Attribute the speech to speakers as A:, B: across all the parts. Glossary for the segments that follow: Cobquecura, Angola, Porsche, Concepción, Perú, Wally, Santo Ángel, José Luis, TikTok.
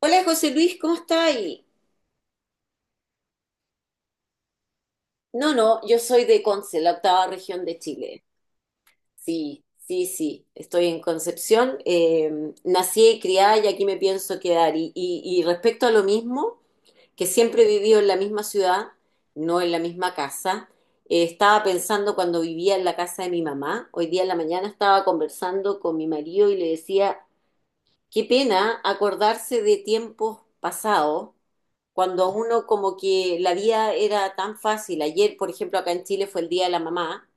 A: Hola José Luis, ¿cómo está ahí? No, no, yo soy de Conce, la octava región de Chile. Sí, sí, sí, estoy en Concepción. Nací y criada y aquí me pienso quedar. Y respecto a lo mismo, que siempre he vivido en la misma ciudad, no en la misma casa. Estaba pensando cuando vivía en la casa de mi mamá, hoy día en la mañana estaba conversando con mi marido y le decía. Qué pena acordarse de tiempos pasados, cuando uno como que la vida era tan fácil. Ayer, por ejemplo, acá en Chile fue el Día de la Mamá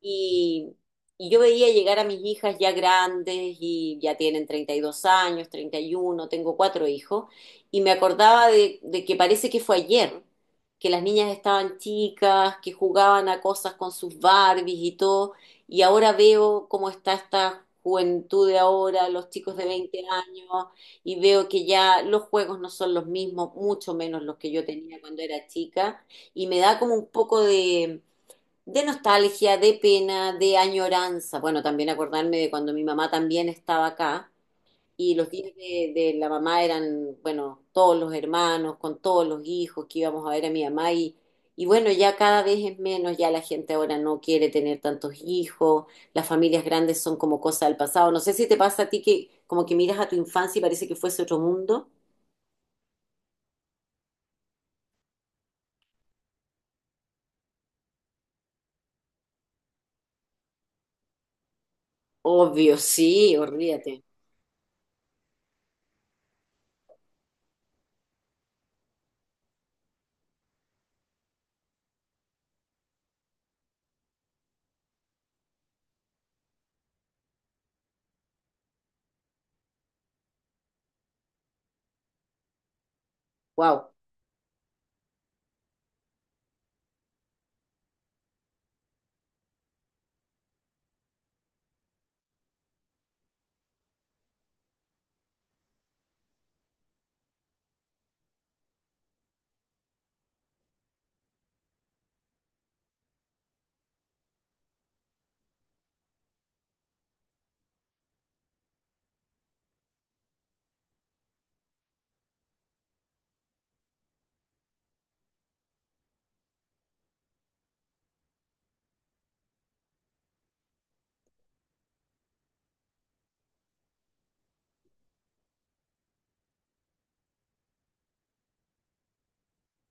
A: y, y yo veía llegar a mis hijas ya grandes y ya tienen 32 años, 31, tengo cuatro hijos, y me acordaba de que parece que fue ayer, que las niñas estaban chicas, que jugaban a cosas con sus Barbies y todo, y ahora veo cómo está esta juventud de ahora, los chicos de 20 años, y veo que ya los juegos no son los mismos, mucho menos los que yo tenía cuando era chica, y me da como un poco de nostalgia, de pena, de añoranza. Bueno, también acordarme de cuando mi mamá también estaba acá y los días de la mamá eran, bueno, todos los hermanos, con todos los hijos que íbamos a ver a mi mamá y bueno, ya cada vez es menos, ya la gente ahora no quiere tener tantos hijos, las familias grandes son como cosa del pasado. No sé si te pasa a ti que como que miras a tu infancia y parece que fuese otro mundo. Obvio, sí, olvídate. Wow.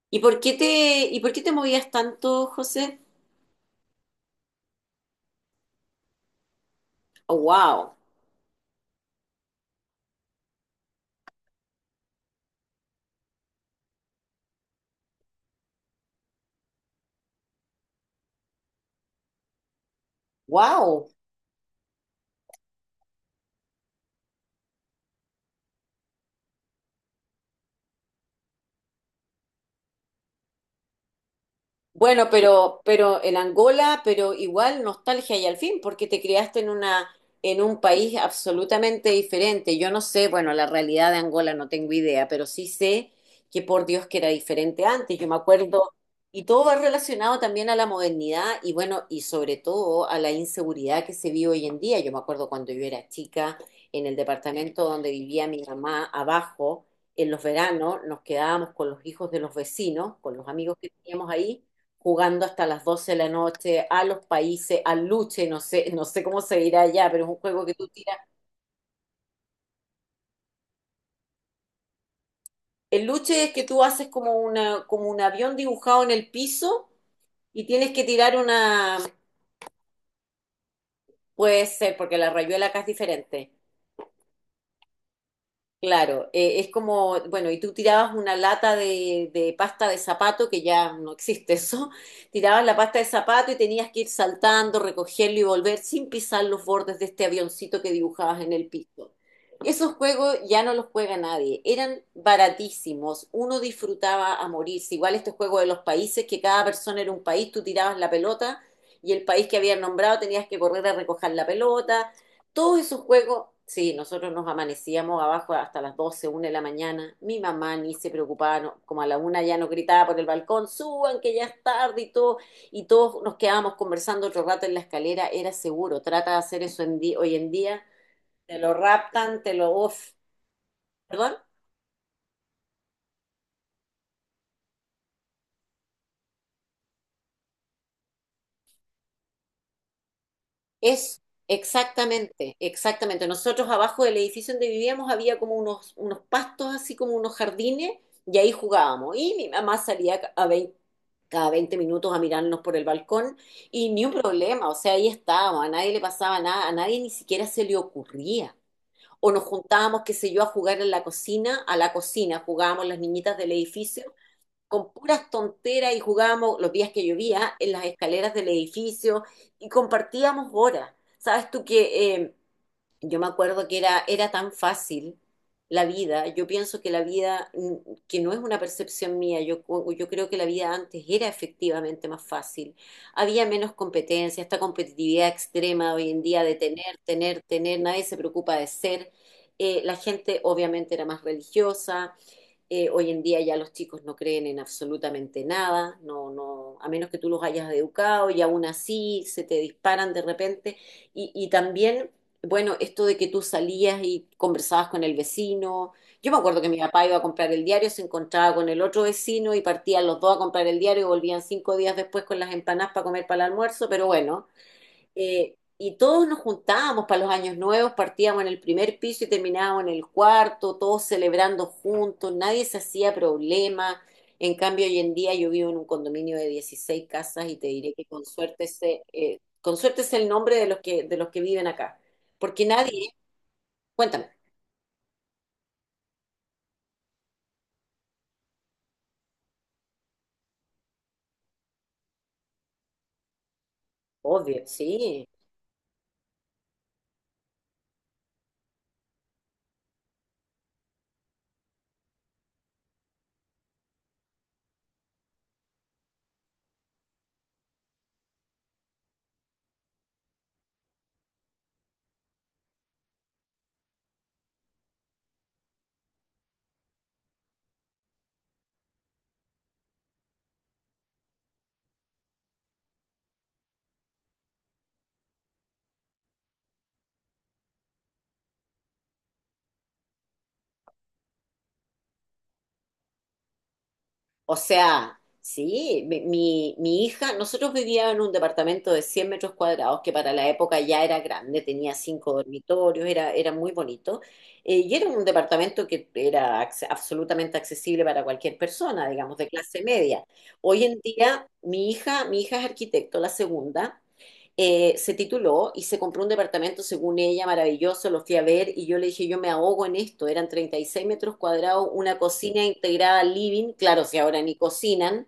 A: ¿Y por qué te movías tanto, José? Oh, wow. Wow. Bueno, pero en Angola, pero igual nostalgia y al fin, porque te criaste en un país absolutamente diferente. Yo no sé, bueno, la realidad de Angola no tengo idea, pero sí sé que por Dios que era diferente antes. Yo me acuerdo, y todo va relacionado también a la modernidad y bueno, y sobre todo a la inseguridad que se vive hoy en día. Yo me acuerdo cuando yo era chica, en el departamento donde vivía mi mamá, abajo, en los veranos, nos quedábamos con los hijos de los vecinos, con los amigos que teníamos ahí jugando hasta las 12 de la noche, a los países, al luche, no sé, no sé cómo se dirá allá, pero es un juego que tú tiras. El luche es que tú haces como un avión dibujado en el piso y tienes que tirar una, puede ser, porque la rayuela acá es diferente. Claro, es como, bueno, y tú tirabas una lata de pasta de zapato, que ya no existe eso, tirabas la pasta de zapato y tenías que ir saltando, recogerlo y volver sin pisar los bordes de este avioncito que dibujabas en el piso. Esos juegos ya no los juega nadie, eran baratísimos, uno disfrutaba a morirse, igual este juego de los países, que cada persona era un país, tú tirabas la pelota y el país que habían nombrado tenías que correr a recoger la pelota, todos esos juegos, sí, nosotros nos amanecíamos abajo hasta las doce una de la mañana. Mi mamá ni se preocupaba, como a la una ya nos gritaba por el balcón, suban que ya es tarde y todo. Y todos nos quedábamos conversando otro rato en la escalera, era seguro. Trata de hacer eso en hoy en día, te lo raptan, te lo. Uf, ¿perdón? Es exactamente, exactamente. Nosotros abajo del edificio donde vivíamos había como unos pastos, así como unos jardines, y ahí jugábamos. Y mi mamá salía cada 20 minutos a mirarnos por el balcón y ni un problema, o sea, ahí estábamos, a nadie le pasaba nada, a nadie ni siquiera se le ocurría. O nos juntábamos, qué sé yo, a jugar en la cocina, a la cocina, jugábamos las niñitas del edificio con puras tonteras y jugábamos los días que llovía en las escaleras del edificio y compartíamos horas. Sabes tú que yo me acuerdo que era tan fácil la vida. Yo pienso que la vida, que no es una percepción mía, yo creo que la vida antes era efectivamente más fácil. Había menos competencia, esta competitividad extrema hoy en día de tener, tener, tener, nadie se preocupa de ser. La gente obviamente era más religiosa. Hoy en día ya los chicos no creen en absolutamente nada, no, no, a menos que tú los hayas educado y aún así se te disparan de repente. Y también, bueno, esto de que tú salías y conversabas con el vecino. Yo me acuerdo que mi papá iba a comprar el diario, se encontraba con el otro vecino y partían los dos a comprar el diario y volvían 5 días después con las empanadas para comer para el almuerzo, pero bueno, y todos nos juntábamos para los años nuevos, partíamos en el primer piso y terminábamos en el cuarto, todos celebrando juntos, nadie se hacía problema. En cambio, hoy en día yo vivo en un condominio de 16 casas y te diré que con suerte es el nombre de los que viven acá. Porque nadie, cuéntame, obvio, sí, o sea, sí, mi hija, nosotros vivíamos en un departamento de 100 metros cuadrados, que para la época ya era grande, tenía cinco dormitorios, era muy bonito, y era un departamento que era absolutamente accesible para cualquier persona, digamos, de clase media. Hoy en día, mi hija es arquitecto, la segunda, se tituló y se compró un departamento, según ella, maravilloso, lo fui a ver y yo le dije, yo me ahogo en esto, eran 36 metros cuadrados, una cocina integrada al living, claro, si ahora ni cocinan,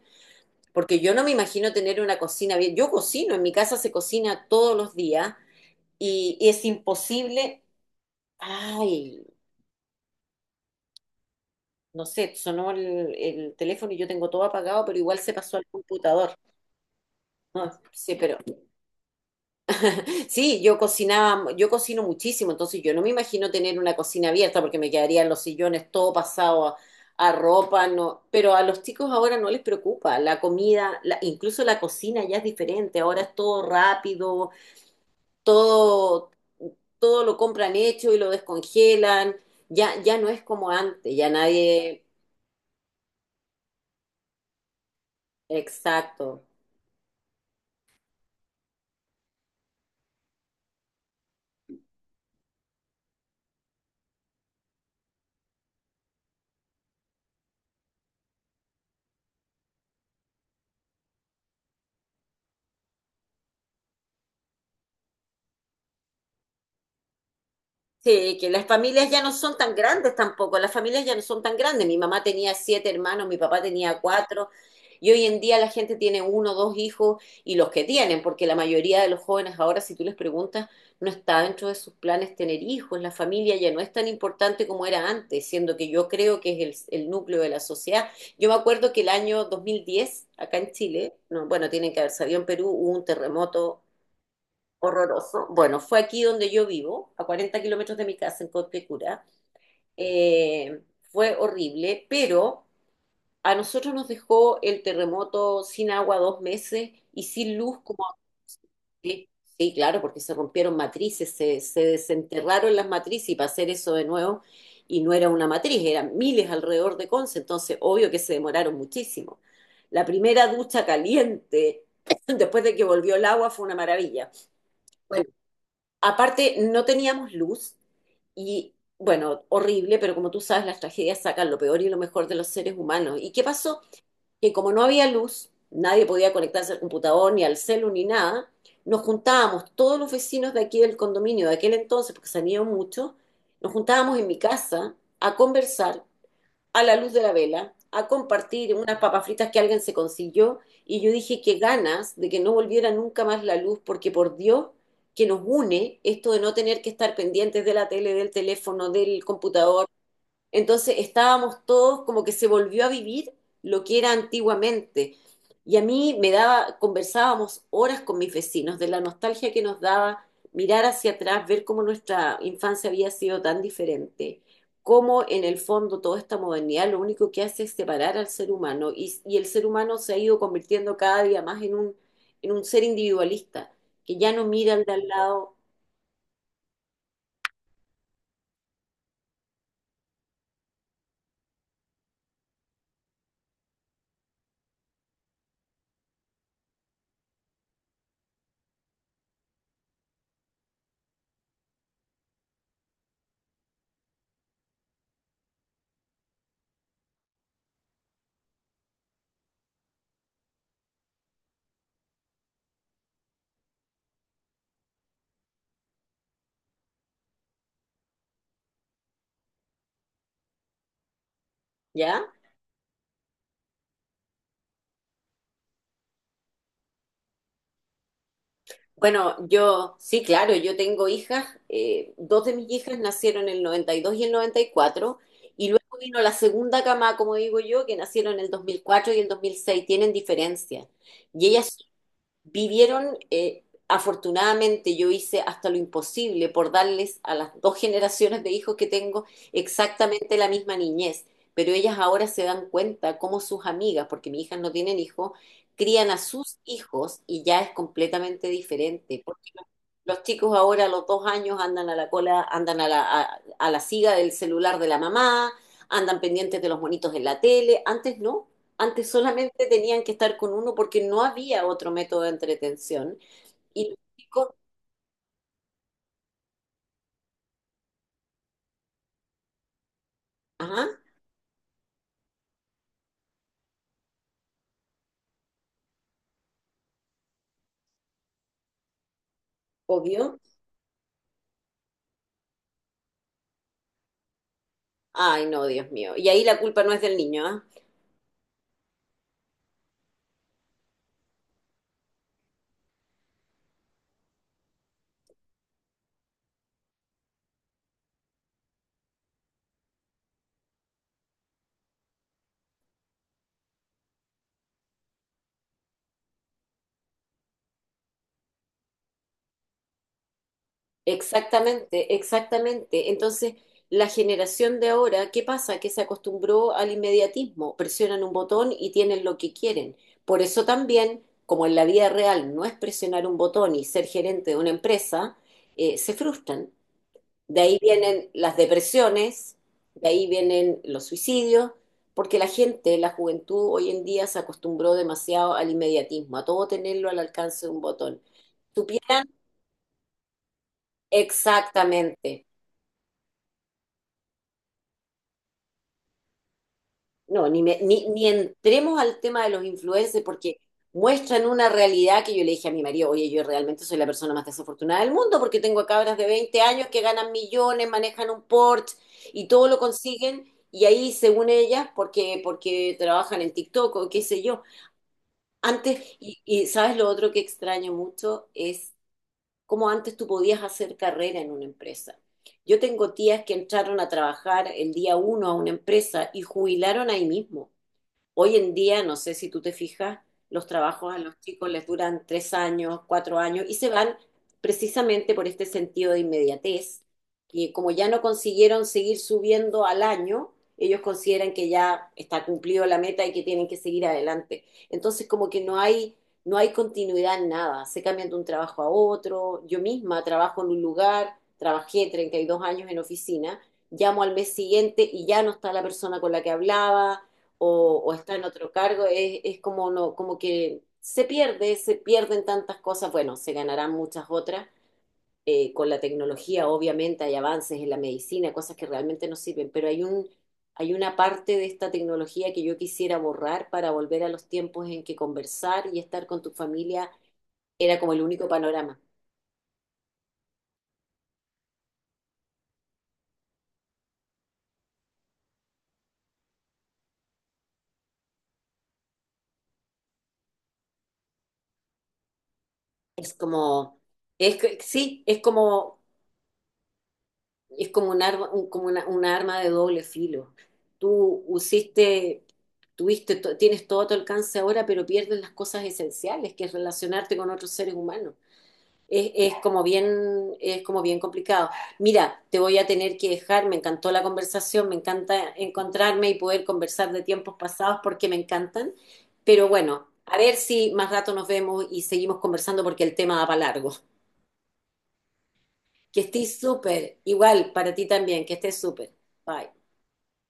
A: porque yo no me imagino tener una cocina bien, yo cocino, en mi casa se cocina todos los días y es imposible, ay, no sé, sonó el teléfono y yo tengo todo apagado, pero igual se pasó al computador. No, sí, pero sí, yo cocinaba, yo cocino muchísimo, entonces yo no me imagino tener una cocina abierta porque me quedarían los sillones todo pasado a ropa, no, pero a los chicos ahora no les preocupa, la comida, incluso la cocina ya es diferente, ahora es todo rápido, todo, todo lo compran hecho y lo descongelan, ya, ya no es como antes, ya nadie, exacto. Sí, que las familias ya no son tan grandes tampoco, las familias ya no son tan grandes. Mi mamá tenía siete hermanos, mi papá tenía cuatro, y hoy en día la gente tiene uno, dos hijos, y los que tienen, porque la mayoría de los jóvenes ahora, si tú les preguntas, no está dentro de sus planes tener hijos, la familia ya no es tan importante como era antes, siendo que yo creo que es el núcleo de la sociedad. Yo me acuerdo que el año 2010, acá en Chile, no, bueno, tienen que haber sabido, en Perú hubo un terremoto horroroso. Bueno, fue aquí donde yo vivo, a 40 kilómetros de mi casa, en Cobquecura. Eh, Fue horrible, pero a nosotros nos dejó el terremoto sin agua 2 meses y sin luz como. Sí, sí, claro, porque se rompieron matrices, se desenterraron las matrices y para hacer eso de nuevo, y no era una matriz, eran miles alrededor de Conce, entonces obvio que se demoraron muchísimo. La primera ducha caliente después de que volvió el agua fue una maravilla. Aparte, no teníamos luz y, bueno, horrible, pero como tú sabes, las tragedias sacan lo peor y lo mejor de los seres humanos. ¿Y qué pasó? Que como no había luz, nadie podía conectarse al computador, ni al celu, ni nada, nos juntábamos, todos los vecinos de aquí del condominio de aquel entonces, porque salían muchos, nos juntábamos en mi casa a conversar a la luz de la vela a compartir unas papas fritas que alguien se consiguió y yo dije que ganas de que no volviera nunca más la luz porque por Dios que nos une esto de no tener que estar pendientes de la tele, del teléfono, del computador, entonces estábamos todos como que se volvió a vivir lo que era antiguamente. Y a mí me daba, conversábamos horas con mis vecinos de la nostalgia que nos daba mirar hacia atrás, ver cómo nuestra infancia había sido tan diferente, cómo en el fondo toda esta modernidad lo único que hace es separar al ser humano y el ser humano se ha ido convirtiendo cada día más en un ser individualista, que ya no mira al de al lado, ¿ya? Bueno, sí, claro, yo tengo hijas, dos de mis hijas nacieron en el noventa y dos y el noventa y cuatro, y luego vino la segunda cama, como digo yo, que nacieron en el 2004 y el 2006. Tienen diferencia. Y ellas vivieron, afortunadamente yo hice hasta lo imposible por darles a las dos generaciones de hijos que tengo exactamente la misma niñez, pero ellas ahora se dan cuenta cómo sus amigas, porque mis hijas no tienen hijos, crían a sus hijos y ya es completamente diferente. Los chicos ahora a los 2 años andan a la cola, andan a la siga del celular de la mamá, andan pendientes de los monitos en la tele. Antes no, antes solamente tenían que estar con uno porque no había otro método de entretención. Y los chicos, ajá, obvio. Ay, no, Dios mío. Y ahí la culpa no es del niño, ¿ah? Exactamente, exactamente. Entonces, la generación de ahora, ¿qué pasa? Que se acostumbró al inmediatismo, presionan un botón y tienen lo que quieren. Por eso también, como en la vida real no es presionar un botón y ser gerente de una empresa, se frustran. De ahí vienen las depresiones, de ahí vienen los suicidios, porque la gente, la juventud hoy en día se acostumbró demasiado al inmediatismo, a todo tenerlo al alcance de un botón. Tú Exactamente. No, ni, me- ni, ni entremos al tema de los influencers porque muestran una realidad que yo le dije a mi marido: oye, yo realmente soy la persona más desafortunada del mundo porque tengo a cabras de 20 años que ganan millones, manejan un Porsche y todo lo consiguen y ahí, según ellas, porque trabajan en TikTok o qué sé yo. Antes, y sabes lo otro que extraño mucho es cómo antes tú podías hacer carrera en una empresa. Yo tengo tías que entraron a trabajar el día uno a una empresa y jubilaron ahí mismo. Hoy en día, no sé si tú te fijas, los trabajos a los chicos les duran 3 años, 4 años y se van precisamente por este sentido de inmediatez, que como ya no consiguieron seguir subiendo al año, ellos consideran que ya está cumplido la meta y que tienen que seguir adelante. Entonces, como que no hay continuidad en nada, se cambian de un trabajo a otro. Yo misma trabajo en un lugar, trabajé 32 años en oficina, llamo al mes siguiente y ya no está la persona con la que hablaba o está en otro cargo, es como, no, como que se pierde, se pierden tantas cosas, bueno, se ganarán muchas otras. Con la tecnología, obviamente, hay avances en la medicina, cosas que realmente nos sirven, pero hay una parte de esta tecnología que yo quisiera borrar para volver a los tiempos en que conversar y estar con tu familia era como el único panorama. Es como, es, que- Sí, es como un arma, como una arma de doble filo. Tú usiste, tuviste, to- Tienes todo a tu alcance ahora, pero pierdes las cosas esenciales, que es relacionarte con otros seres humanos. Es como bien complicado. Mira, te voy a tener que dejar, me encantó la conversación, me encanta encontrarme y poder conversar de tiempos pasados porque me encantan, pero bueno, a ver si más rato nos vemos y seguimos conversando porque el tema da para largo. Que estés súper, igual para ti también, que estés súper. Bye.